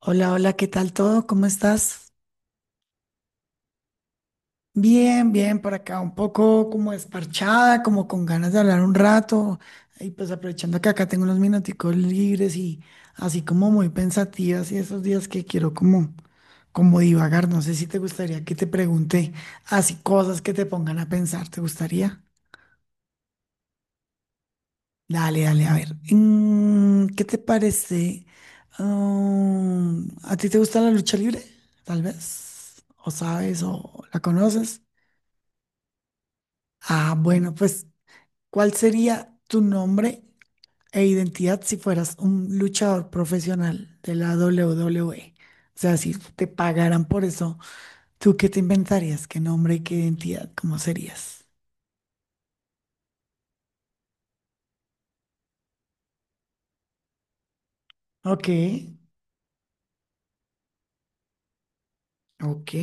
Hola, hola, ¿qué tal todo? ¿Cómo estás? Bien, bien, por acá un poco como desparchada, como con ganas de hablar un rato y pues aprovechando que acá tengo unos minuticos libres y así como muy pensativas y esos días que quiero como divagar, no sé si te gustaría que te pregunte así cosas que te pongan a pensar, ¿te gustaría? Dale, dale, a ver. ¿Qué te parece? ¿A ti te gusta la lucha libre? Tal vez. ¿O sabes o la conoces? Ah, bueno, pues, ¿cuál sería tu nombre e identidad si fueras un luchador profesional de la WWE? O sea, si te pagaran por eso, ¿tú qué te inventarías? ¿Qué nombre y qué identidad? ¿Cómo serías? Ok, ok.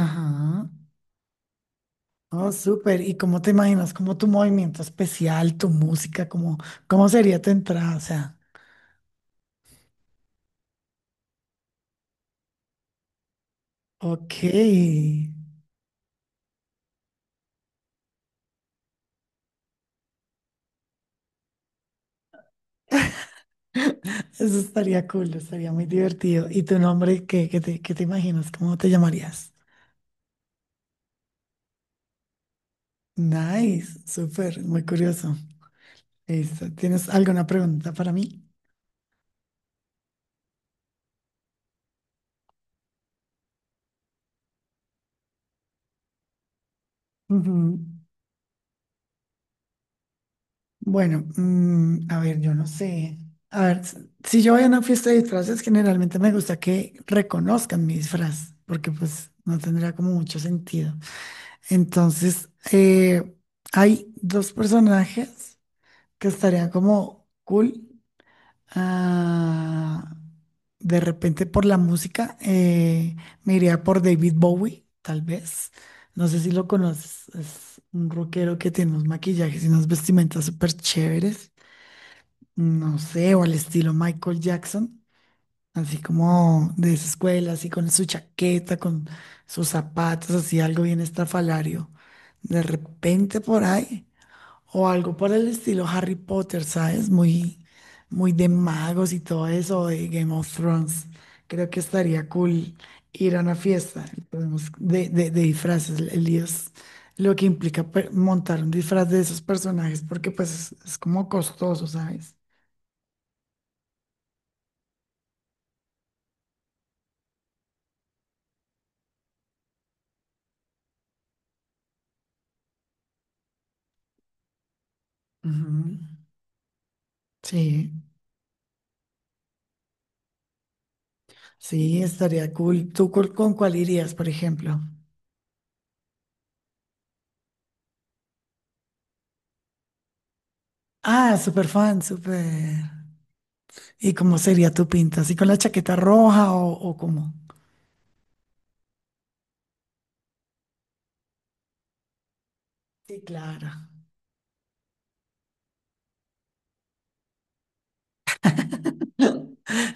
Ajá. Oh, súper. ¿Y cómo te imaginas? ¿Cómo tu movimiento especial, tu música? ¿Cómo, cómo sería tu entrada? O sea, ok. Eso estaría cool, estaría muy divertido. ¿Y tu nombre? ¿Qué, qué te imaginas? ¿Cómo te llamarías? Nice, súper, muy curioso. Listo. ¿Tienes alguna pregunta para mí? Ujú. Bueno, a ver, yo no sé. A ver, si yo voy a una fiesta de disfraces, generalmente me gusta que reconozcan mi disfraz, porque pues no tendría como mucho sentido. Entonces, hay dos personajes que estarían como cool. Ah, de repente por la música, me iría por David Bowie, tal vez. No sé si lo conoces. Es un rockero que tiene unos maquillajes y unas vestimentas súper chéveres. No sé, o al estilo Michael Jackson. Así como de esa escuela, así con su chaqueta, con sus zapatos, así algo bien estrafalario. De repente por ahí o algo por el estilo Harry Potter, ¿sabes? Muy, muy de magos y todo eso, o de Game of Thrones. Creo que estaría cool ir a una fiesta y de disfraces. El lío es lo que implica montar un disfraz de esos personajes, porque pues es como costoso, ¿sabes? Ujú. Sí, sí, estaría cool. Con cuál irías, por ejemplo? Ah, súper fan, súper. ¿Y cómo sería tu pinta? ¿Así con la chaqueta roja o cómo? Sí, claro.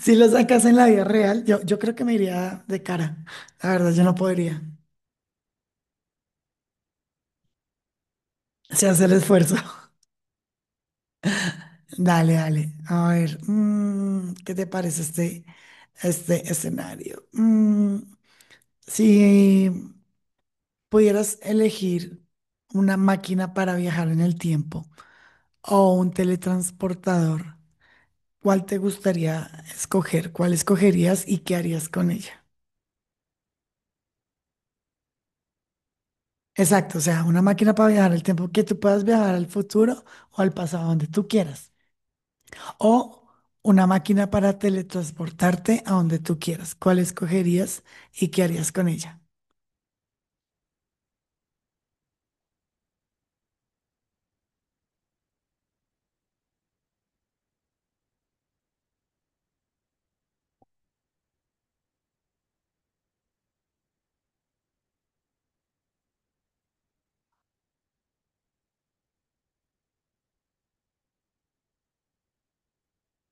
Si lo sacas en la vida real, yo creo que me iría de cara. La verdad, yo no podría. Se hace el esfuerzo. Dale, dale. A ver, ¿qué te parece este escenario? Si pudieras elegir una máquina para viajar en el tiempo o un teletransportador, ¿cuál te gustaría escoger? ¿Cuál escogerías y qué harías con ella? Exacto, o sea, una máquina para viajar el tiempo que tú puedas viajar al futuro o al pasado, donde tú quieras. O una máquina para teletransportarte a donde tú quieras. ¿Cuál escogerías y qué harías con ella?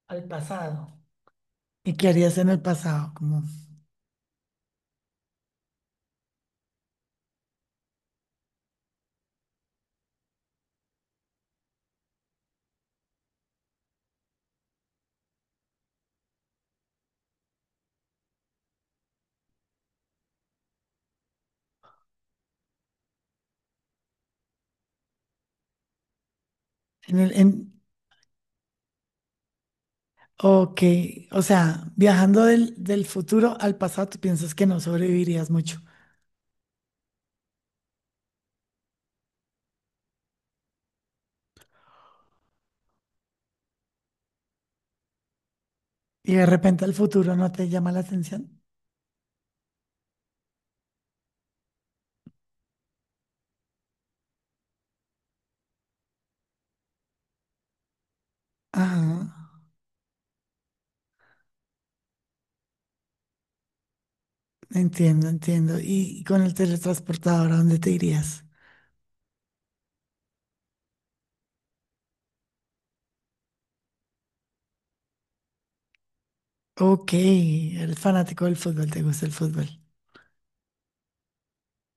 Al pasado. ¿Y qué harías en el pasado? Como en el, en, ok, o sea, viajando del futuro al pasado, tú piensas que no sobrevivirías mucho. Y de repente al futuro no te llama la atención. Ajá, entiendo, entiendo. ¿Y con el teletransportador a dónde te irías? Ok, el fanático del fútbol, ¿te gusta el fútbol?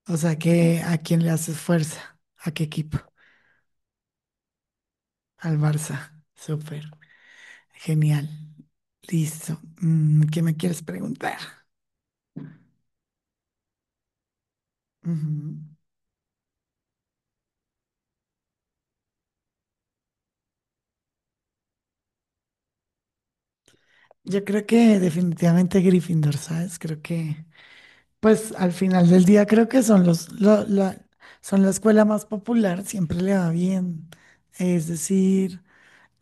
O sea que ¿a quién le haces fuerza? ¿A qué equipo? Al Barça. Súper. Genial. Listo. ¿Qué me quieres preguntar? Ujú. Yo creo que definitivamente Gryffindor, ¿sabes? Creo que, pues al final del día creo que son son la escuela más popular, siempre le va bien. Es decir,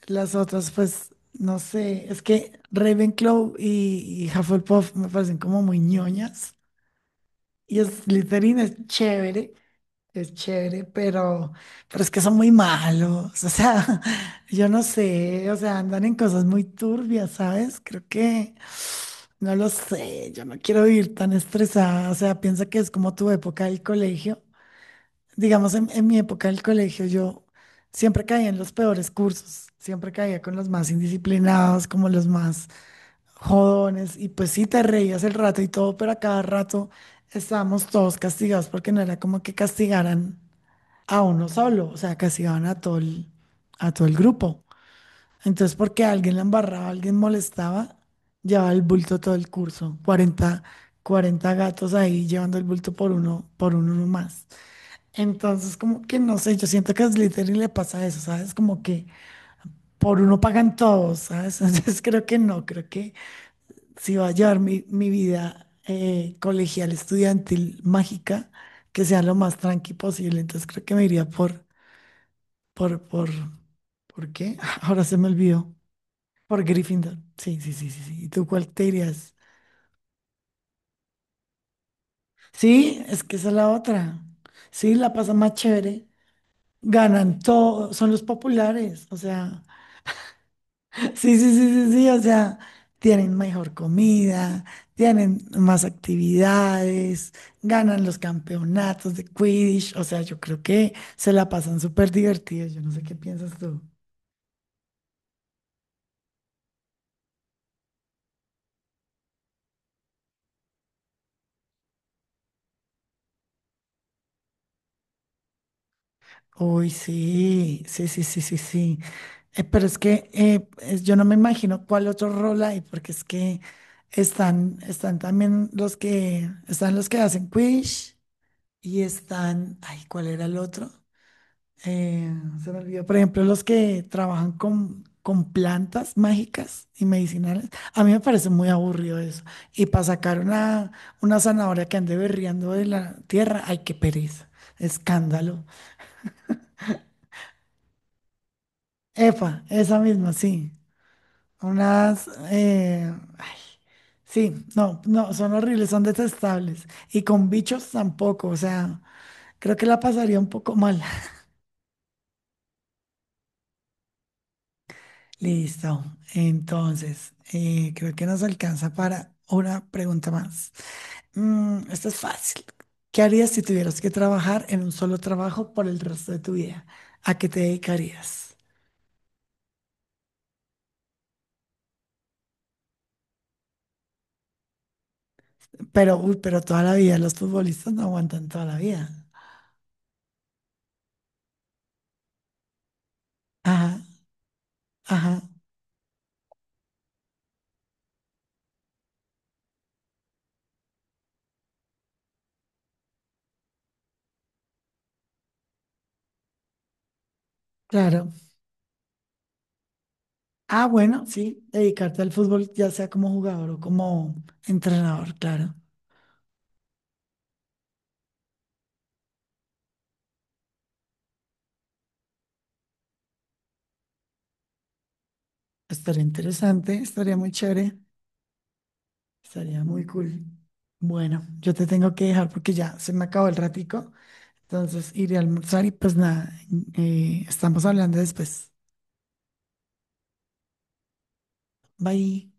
las otras, pues, no sé, es que Ravenclaw y Hufflepuff me parecen como muy ñoñas. Y Slytherin es chévere, pero es que son muy malos. O sea, yo no sé, o sea, andan en cosas muy turbias, ¿sabes? Creo que, no lo sé, yo no quiero vivir tan estresada. O sea, piensa que es como tu época del colegio. Digamos, en mi época del colegio yo siempre caía en los peores cursos, siempre caía con los más indisciplinados, como los más jodones, y pues sí te reías el rato y todo, pero a cada rato estábamos todos castigados porque no era como que castigaran a uno solo, o sea, castigaban a a todo el grupo. Entonces, porque alguien la embarraba, alguien molestaba, llevaba el bulto todo el curso, cuarenta gatos ahí llevando el bulto por uno más. Entonces, como que no sé, yo siento que a Slytherin le pasa eso, ¿sabes? Como que por uno pagan todos, ¿sabes? Entonces creo que no, creo que si va a llevar mi, mi vida colegial, estudiantil, mágica, que sea lo más tranqui posible. Entonces creo que me iría por, por, ¿por qué? Ahora se me olvidó. Por Gryffindor. Sí, sí, sí, sí, sí. ¿Y tú cuál te irías? Sí, es que esa es la otra. Sí, la pasa más chévere. Ganan todo, son los populares, o sea. Sí, sí, sí, sí, sí, o sea, tienen mejor comida, tienen más actividades, ganan los campeonatos de Quidditch, o sea, yo creo que se la pasan súper divertidos, yo no sé qué piensas tú. Uy, sí, sí, sí, sí, sí, sí. Pero es que yo no me imagino cuál otro rol hay, porque es que están, están también los que, están los que hacen Quidditch y están, ay, ¿cuál era el otro? eh, se me olvidó. Por ejemplo, los que trabajan con plantas mágicas y medicinales. A mí me parece muy aburrido eso. Y para sacar una zanahoria que ande berreando de la tierra, ay, qué pereza. Escándalo. Epa, esa misma, sí. Unas. Ay, sí, no, no, son horribles, son detestables. Y con bichos tampoco. O sea, creo que la pasaría un poco mal. Listo. Entonces, creo que nos alcanza para una pregunta más. Esta es fácil. ¿Qué harías si tuvieras que trabajar en un solo trabajo por el resto de tu vida? ¿A qué te dedicarías? Pero, uy, pero toda la vida, los futbolistas no aguantan toda la vida. Ajá, ajá, claro. Ah, bueno, sí, dedicarte al fútbol, ya sea como jugador o como entrenador, claro. Estaría interesante, estaría muy chévere. Estaría muy cool. Bueno, yo te tengo que dejar porque ya se me acabó el ratico. Entonces iré a almorzar y pues nada, estamos hablando después. Bye.